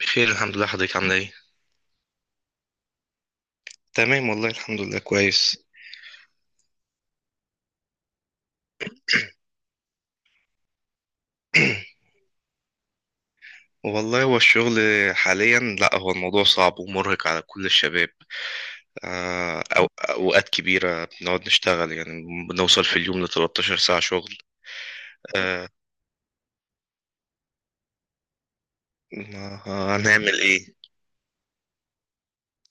بخير الحمد لله. حضرتك عامله ايه؟ تمام والله الحمد لله كويس. والله هو الشغل حاليا، لا هو الموضوع صعب ومرهق على كل الشباب. أو أوقات كبيرة بنقعد نشتغل يعني بنوصل في اليوم ل 13 ساعة شغل. آه، ما هنعمل ايه.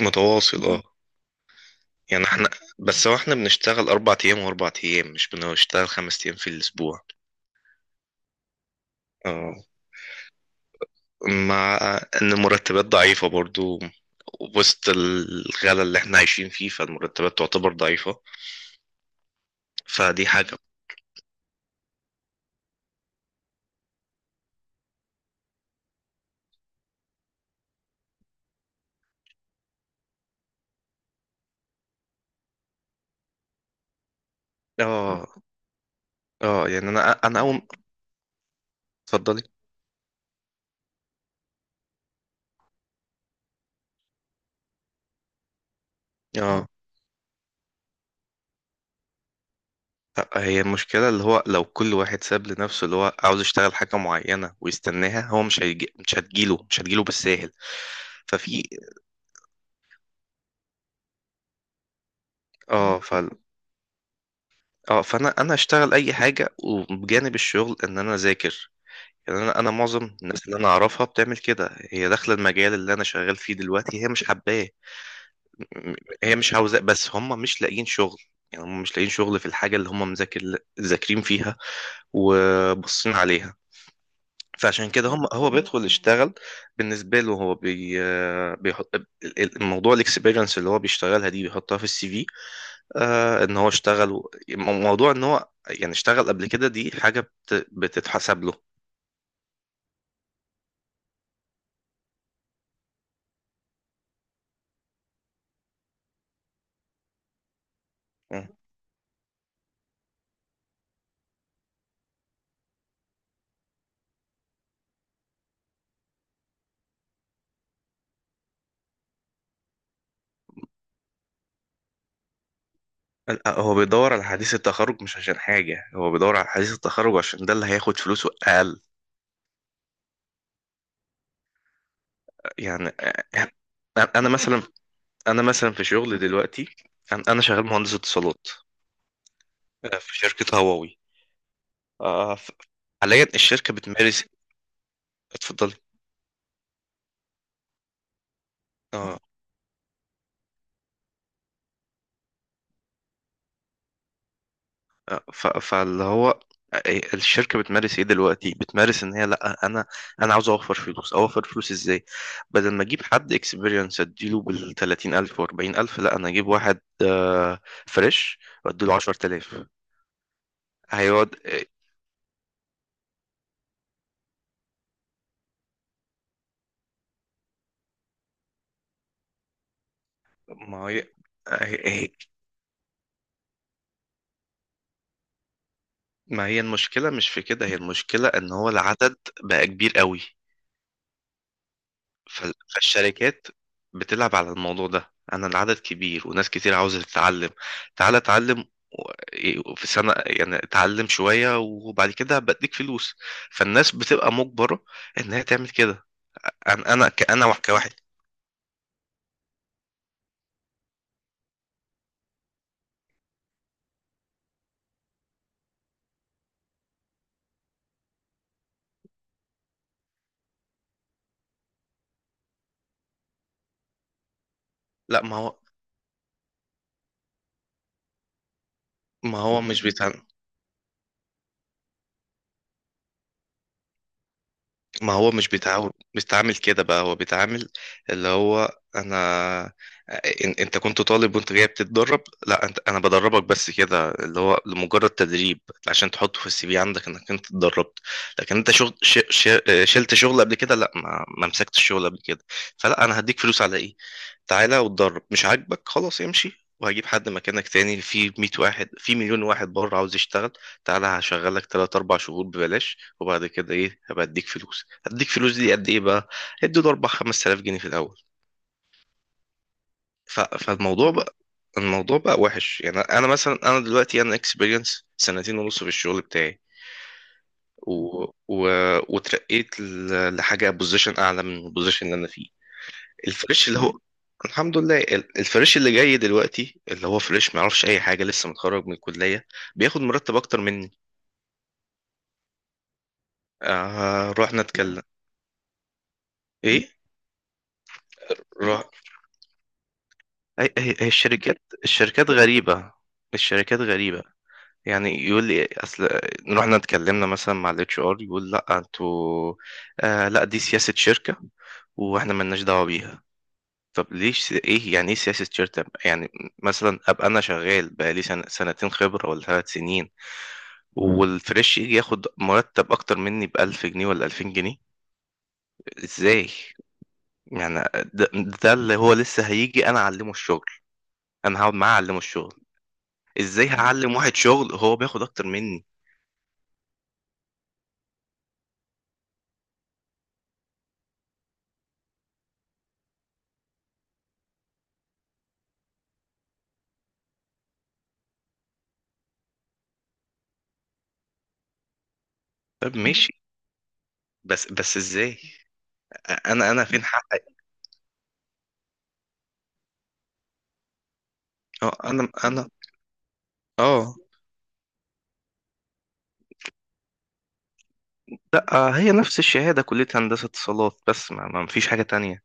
متواصل اه. يعني احنا، بس هو احنا بنشتغل أربع أيام وأربع أيام، مش بنشتغل خمس أيام في الأسبوع. آه. مع ان المرتبات ضعيفة برضو وسط الغلا اللي احنا عايشين فيه، فالمرتبات تعتبر ضعيفة. فدي حاجة. اه اه، يعني انا اول. اتفضلي. اه. لأ، هي المشكلة اللي هو لو كل واحد ساب لنفسه اللي هو عاوز يشتغل حاجة معينة ويستناها، هو مش هيجي، مش هتجيله بالساهل. ففي اه ف اه فانا انا اشتغل اي حاجة، وبجانب الشغل ان انا اذاكر. يعني انا معظم الناس اللي انا اعرفها بتعمل كده، هي داخله المجال اللي انا شغال فيه دلوقتي، هي مش حباه. م- هي مش عاوزاه بس هم مش لاقيين شغل. يعني هم مش لاقيين شغل في الحاجه اللي هم ذاكرين فيها وبصين عليها. فعشان كده هم، هو بيدخل يشتغل بالنسبه له هو بي بيحط الموضوع، الاكسبيرينس اللي هو بيشتغلها دي بيحطها في السي في. آه ان هو اشتغل، موضوع ان هو يعني اشتغل قبل كده دي حاجه بتتحسب له. لا، هو بيدور على حديث التخرج مش عشان حاجة، هو بيدور على حديث التخرج عشان ده اللي هياخد فلوسه أقل. يعني يعني أنا مثلا، أنا مثلا في شغل دلوقتي. أنا شغال مهندس اتصالات في شركة هواوي. آه، ف- حاليا الشركة بتمارس. اتفضلي. اه. ف... فاللي هو الشركة بتمارس ايه دلوقتي؟ بتمارس ان هي، لا انا، انا عاوز اوفر فلوس. اوفر فلوس ازاي؟ بدل ما اجيب حد اكسبيرينس اديله بال 30,000 و 40,000، لا انا اجيب واحد فريش واديله 10,000. هيقعد ما هي، هي- هي- ما هي المشكلة مش في كده. هي المشكلة ان هو العدد بقى كبير قوي. ف- فالشركات بتلعب على الموضوع ده. انا العدد كبير وناس كتير عاوزة تتعلم. تعالى اتعلم في سنة، يعني اتعلم شوية وبعد كده بديك فلوس. فالناس بتبقى مجبرة انها تعمل كده. انا كأنا كواحد. لا ما هو مش بيتعلم. ما هو مش بيتعامل، بيتعامل كده بقى. هو بيتعامل اللي هو انا، انت كنت طالب وانت جاي بتتدرب. لا انت، انا بدربك بس كده، اللي هو لمجرد تدريب عشان تحطه في السي في عندك انك انت اتدربت. لكن انت شغل، شلت شغل قبل كده؟ لا ما مسكتش شغل قبل كده. فلا انا هديك فلوس على ايه؟ تعالى واتدرب، مش عاجبك خلاص امشي وهجيب حد مكانك تاني، في 100 واحد، في مليون واحد بره عاوز يشتغل. تعالى هشغلك 3 4 شهور ببلاش وبعد كده ايه، هبقى اديك فلوس. هديك فلوس دي قد ايه بقى؟ ادي له 4 5000 جنيه في الاول. ف... فالموضوع بقى، الموضوع بقى وحش يعني. انا مثلا، انا دلوقتي، انا اكسبيرينس سنتين ونص في الشغل بتاعي و... و... وترقيت لحاجه بوزيشن اعلى من البوزيشن اللي انا فيه. الفريش اللي هو، الحمد لله الفريش اللي جاي دلوقتي اللي هو فريش ما يعرفش اي حاجه لسه متخرج من الكليه، بياخد مرتب اكتر مني. رحنا نتكلم. ايه؟ روح. هي الشركات، الشركات غريبة. الشركات غريبة. يعني يقول لي، اصل رحنا اتكلمنا مثلا مع الاتش ار، يقول لا انتوا آه، لا دي سياسة شركة واحنا ملناش دعوة بيها. طب ليش، ايه يعني ايه سياسة شركة يعني؟ مثلا ابقى انا شغال بقالي سنة، سنتين خبرة ولا ثلاث سنين، والفريش يجي ياخد مرتب اكتر مني بألف جنيه ولا ألفين جنيه، ازاي؟ يعني ده, ده اللي هو لسه هيجي انا اعلمه الشغل. انا هقعد معاه اعلمه الشغل، ازاي هعلم واحد شغل هو بياخد اكتر مني؟ طب ماشي، بس ازاي، انا فين حقي؟ اه انا اه. لا هي نفس الشهاده، كليه هندسه اتصالات بس، ما فيش حاجه تانية.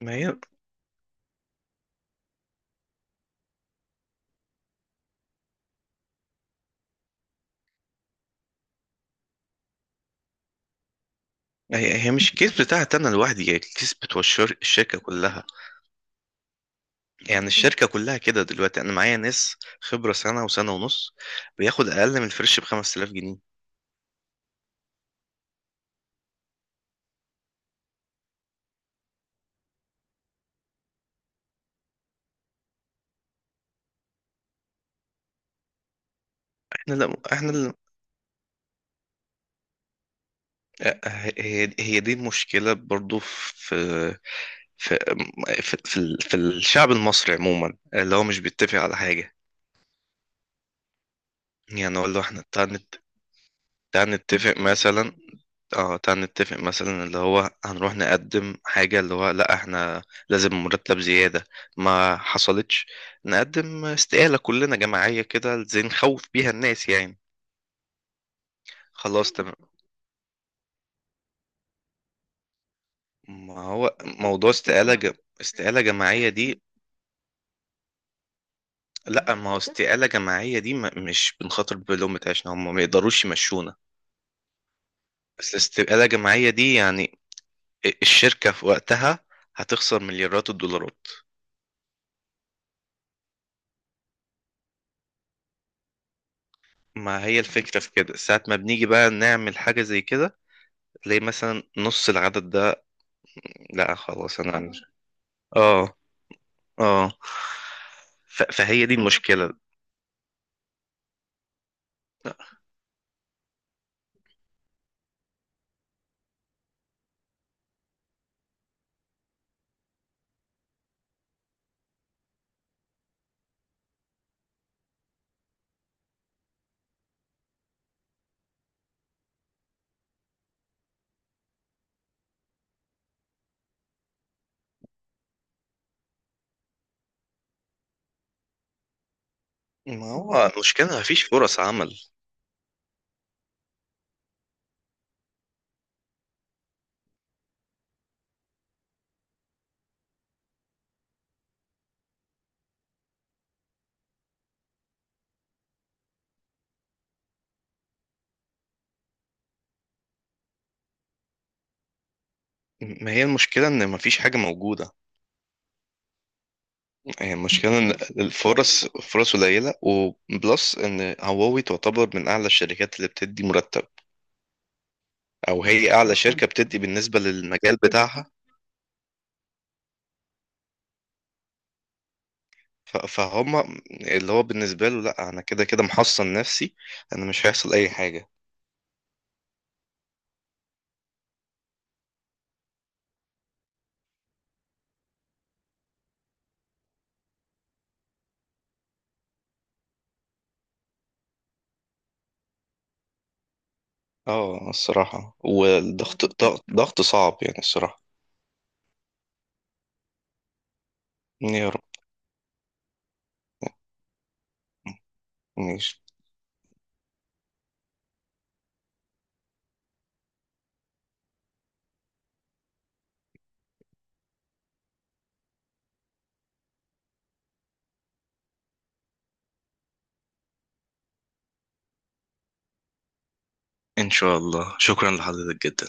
ما هي، مش الكيس بتاعت انا لوحدي، هي الكيس بتوع الشركه كلها. يعني الشركه كلها كده دلوقتي، انا معايا ناس خبره سنه وسنه ونص، بياخد اقل من الفريش ب 5000 جنيه. احنا لا، احنا لا. هي دي المشكله برضو في في الشعب المصري عموما، اللي هو مش بيتفق على حاجه. يعني هو اللي هو احنا، تعال، تعال نتفق مثلا، اه تعال نتفق مثلا اللي هو هنروح نقدم حاجة، اللي هو لا احنا لازم مرتب زيادة. ما حصلتش نقدم استقالة كلنا جماعية كده زي نخوف بيها الناس يعني. خلاص تمام. ما هو موضوع استقالة استقالة جماعية دي. لا ما هو، استقالة جماعية دي ما... مش بنخاطر بلومة عشان هم ما يقدروش يمشونا. بس استقالة جماعية دي يعني، الشركة في وقتها هتخسر مليارات الدولارات. ما هي الفكرة في كده، ساعة ما بنيجي بقى نعمل حاجة زي كده تلاقي مثلا نص العدد ده، لا خلاص انا مش. اه اه، فهي دي المشكلة. ما هو المشكلة مفيش فرص عمل. ما هي المشكلة إن مفيش حاجة موجودة. هي المشكلة إن الفرص، فرص قليلة، وبلس إن هواوي تعتبر من أعلى الشركات اللي بتدي مرتب، أو هي أعلى شركة بتدي بالنسبة للمجال بتاعها. فهم اللي هو بالنسبة له، لا أنا كده كده محصن نفسي، أنا مش هيحصل أي حاجة. اه الصراحة، والضغط ضغط ضغط صعب يعني الصراحة. يا رب. ماشي. إن شاء الله، شكرا لحضرتك جدا.